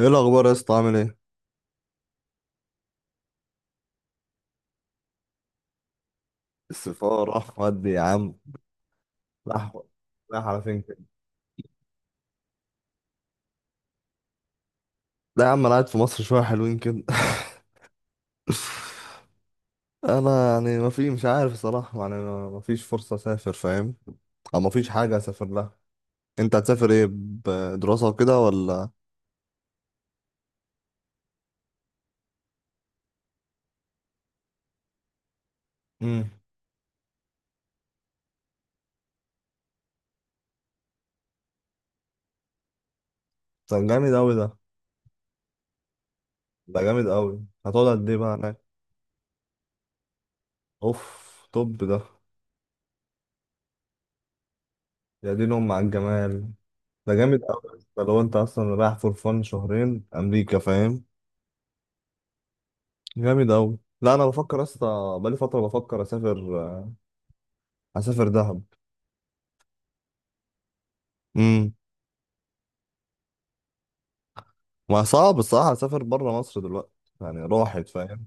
ايه الاخبار يا اسطى؟ عامل ايه؟ السفاره راح ودي يا عم؟ راح؟ راح على فين كده؟ لا يا عم، انا قاعد في مصر شويه حلوين كده انا يعني ما في مش عارف صراحه، يعني ما فيش فرصه اسافر، فاهم؟ او ما فيش حاجه اسافر لها. انت هتسافر ايه، بدراسه وكده ولا؟ امم. ده جامد قوي ده. ده جامد قوي، هتقعد قد ايه بقى هناك؟ اوف. طب ده يا دين ام على الجمال. ده جامد قوي ده، لو انت اصلا رايح فور فن شهرين امريكا، فاهم؟ جامد أوي. لا، أنا بفكر يا اسطى، بقالي فترة بفكر أسافر. أسافر دهب. امم ما صعب الصراحة أسافر بره مصر دلوقتي. يعني راحت، فاهم؟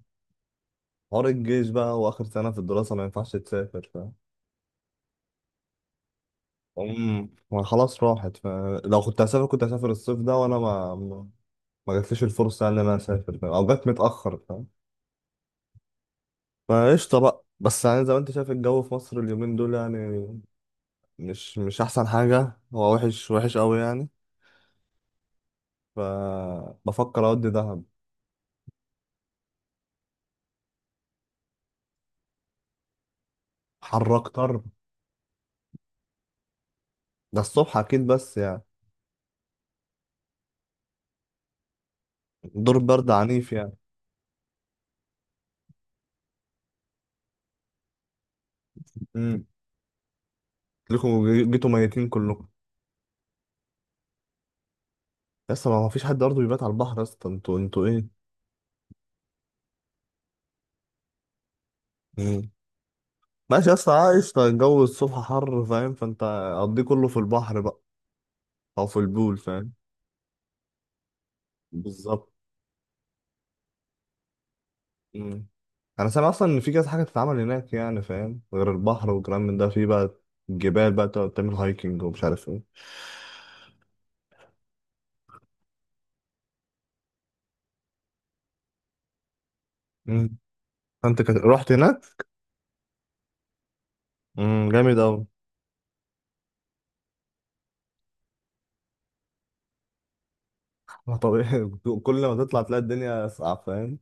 حوار الجيش بقى وآخر سنة في الدراسة، ما ينفعش تسافر، فاهم؟ ما خلاص راحت، فلو كنت هسافر كنت هسافر الصيف ده، وأنا ما جاتليش الفرصة يعني إن أنا أسافر، فاهم؟ أو جات متأخر، فاهم؟ فقشطة بقى، بس يعني زي ما أنت شايف الجو في مصر اليومين دول يعني مش أحسن حاجة، هو وحش وحش أوي يعني. فبفكر أودي دهب. حر اكتر. ده الصبح اكيد بس يعني دور برد عنيف يعني. امم. لكم جيتوا ميتين كلكم. لسه ما فيش حد برضه بيبات على البحر يا اسطى، انتوا ايه؟ امم. ماشي يا اسطى، عايش طيب. الجو الصبح حر، فاهم؟ فانت قضيه كله في البحر بقى، او في البول، فاهم؟ بالظبط. امم. انا سامع اصلا ان في كذا حاجه تتعمل هناك يعني، فاهم؟ غير البحر والكلام من ده، في بقى الجبال بقى، تقعد تعمل هايكنج ومش عارف ايه. امم. فانت رحت هناك؟ امم. جامد قوي. ما طبيعي كل ما تطلع تلاقي الدنيا اصعب، فاهم؟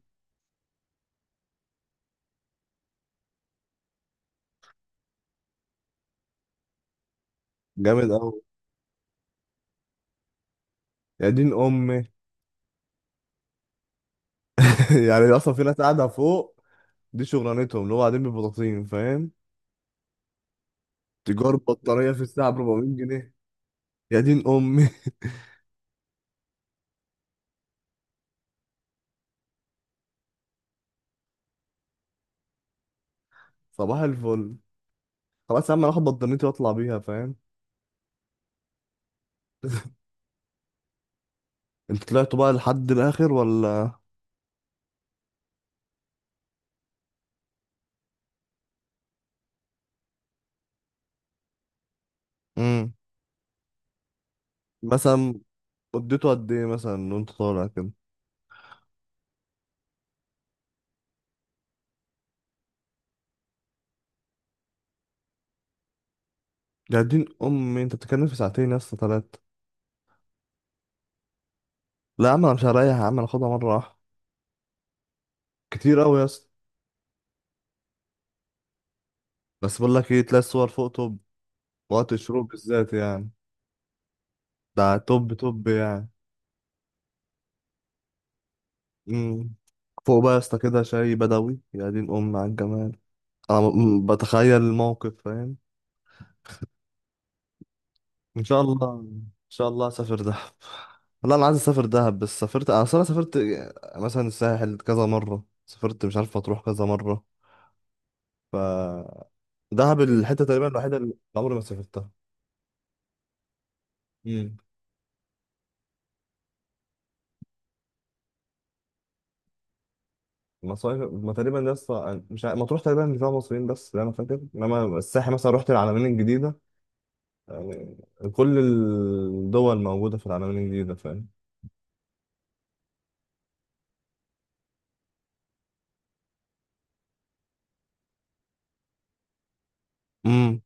جامد قوي. يا دين امي. يعني اصلا في ناس قاعده فوق، دي شغلانتهم، اللي هو قاعدين ببطاطين، فاهم؟ تجار بطاريه في الساعه ب 400 جنيه. يا دين امي. صباح الفل. خلاص يا عم، انا هاخد بطانيتي واطلع بيها، فاهم؟ انت طلعتوا بقى لحد الاخر ولا؟ امم مثلا اديته قد ايه مثلا وانت طالع كده؟ يا دين امي، انت بتتكلم في ساعتين يا اسطى، ثلاثه. لا يا عم، انا مش هريح يا عم، انا هاخدها مره واحده. كتير قوي يا اسطى. بس بقول لك ايه، تلاقي الصور فوق توب، وقت الشروق بالذات يعني. ده توب توب يعني. مم. فوق بقى يا اسطى كده، شاي بدوي، يا دين أم على الجمال. أنا بتخيل الموقف، فاهم؟ إن شاء الله إن شاء الله أسافر دهب. لا، أنا عايز أسافر دهب، بس سافرت، أنا أصلا سافرت مثلا الساحل كذا مرة، سافرت مش عارف أتروح كذا مرة. ف دهب الحتة تقريبا الوحيدة اللي عمري ما سافرتها. امم. مصايف ما تقريبا لسه مش عارف- مطروح تقريبا اللي فيها مصريين بس، لا انا فاكر، انما الساحل مثلا رحت العلمين الجديدة يعني. كل الدول موجودة في العالمين الجديدة، فاهم؟ امم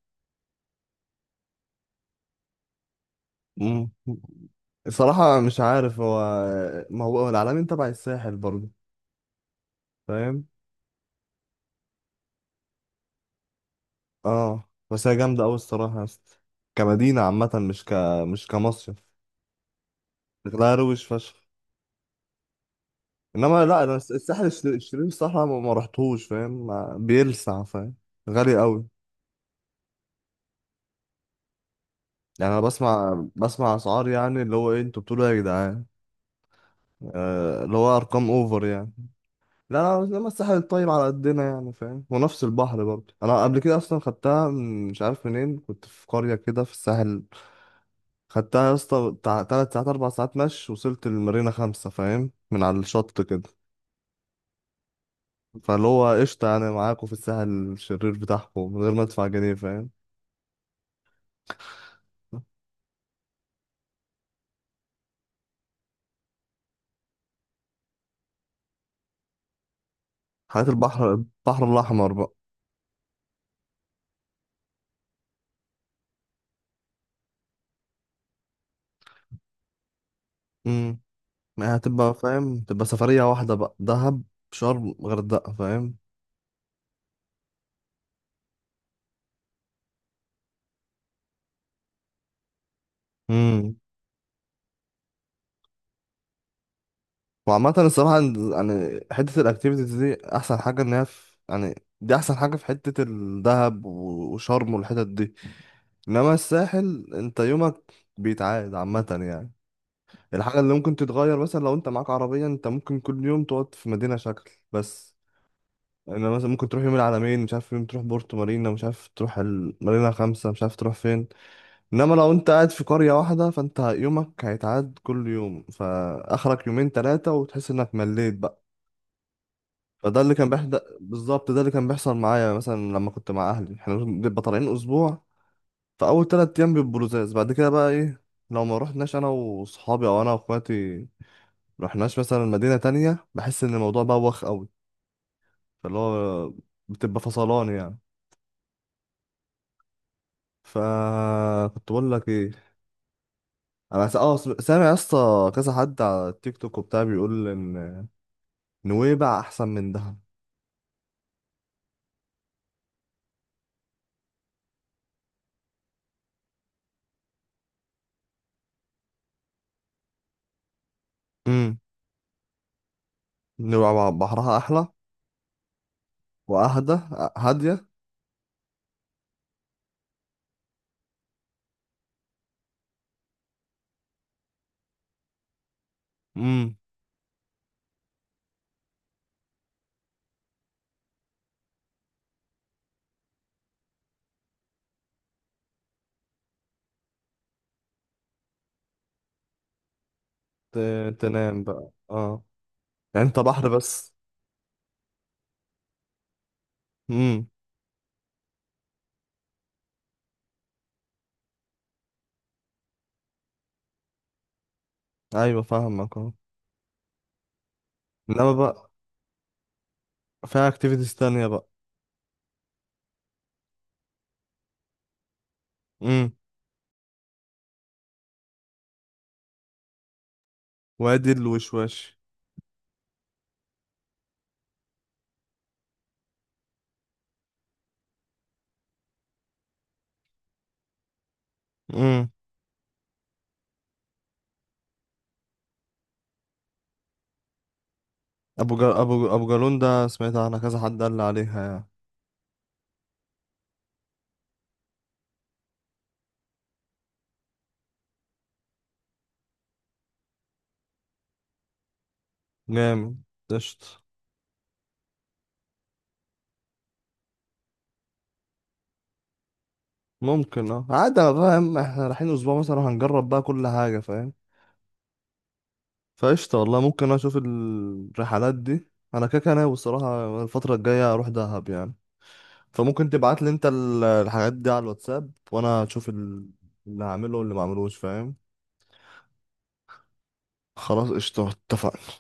امم الصراحة مش عارف هو. ما هو العالمين تبع الساحل برضه، فاهم. اه، بس هي جامدة أوي الصراحة يا اسطى، كمدينة عامة، مش كمصيف. شكلها روش فشخ. انما لا، انا الساحل الشرير، الصراحة ما رحتهوش، فاهم؟ بيلسع، فاهم؟ غالي أوي. يعني انا بسمع اسعار، يعني اللي هو ايه، انتوا بتقولوا إيه يا جدعان؟ آه، اللي هو ارقام اوفر يعني. لا، لا، لما الساحل الطيب على قدنا يعني، فاهم؟ ونفس البحر برضه، انا قبل كده اصلا خدتها مش عارف منين، كنت في قرية كده في الساحل. خدتها يا اسطى بتاع 3 ساعات 4 ساعات مشي، وصلت المارينا 5، فاهم؟ من على الشط كده. فاللي هو قشطة يعني، معاكوا في الساحل الشرير بتاعكم من غير ما ادفع جنيه، فاهم؟ حياة البحر الأحمر بقى. امم. يعني هتبقى، فاهم، تبقى سفرية واحدة بقى، دهب شرم غردقة، فاهم. وعامة الصراحة، يعني حتة الأكتيفيتيز دي أحسن حاجة إن هي في يعني. دي أحسن حاجة في حتة الدهب وشرم والحتت دي. إنما الساحل، أنت يومك بيتعاد عامة يعني. الحاجة اللي ممكن تتغير مثلا، لو أنت معاك عربية أنت ممكن كل يوم تقعد في مدينة شكل بس. إنما مثلا ممكن تروح يوم العلمين، مش عارف، يوم تروح بورتو مارينا، مش عارف تروح المارينا 5، مش عارف تروح فين. إنما لو أنت قاعد في قرية واحدة فأنت يومك هيتعاد كل يوم، فآخرك يومين تلاتة وتحس إنك مليت بقى. فده اللي كان بيحد، بالظبط ده اللي كان بيحصل معايا، مثلا لما كنت مع اهلي احنا بنبقى طالعين اسبوع. فاول 3 ايام بيبقوا لزاز، بعد كده بقى ايه؟ لو ما رحناش انا واصحابي او انا واخواتي، رحناش مثلا مدينة تانية، بحس ان الموضوع بوخ قوي. فاللي هو بتبقى فصلان يعني. فكنت بقول لك ايه، انا سامع يا اسطى كذا حد على التيك توك وبتاع، بيقول ان نويبع احسن من دهب. امم. نويبع بحرها احلى واهدى. هاديه. تنام بقى، اه. يعني انت بحر بس. امم. ايوه فاهمك، اه. انما بقى فيها اكتيفيتيز تانية بقى. امم. وادي الوشواش. امم. ابو جا... ابو ابو جالون ده، سمعت عنها كذا حد قال لي عليها يعني. جامد. قشطة. ممكن، اه، عادي، انا فاهم احنا رايحين اسبوع مثلا، هنجرب بقى كل حاجة، فاهم. فقشطة والله، ممكن اشوف الرحلات دي. انا كده كده ناوي الصراحة الفترة الجاية اروح دهب يعني. فممكن تبعت لي انت الحاجات دي على الواتساب، وانا اشوف اللي هعمله واللي ما عملوش، فاهم؟ خلاص قشطة، اتفقنا.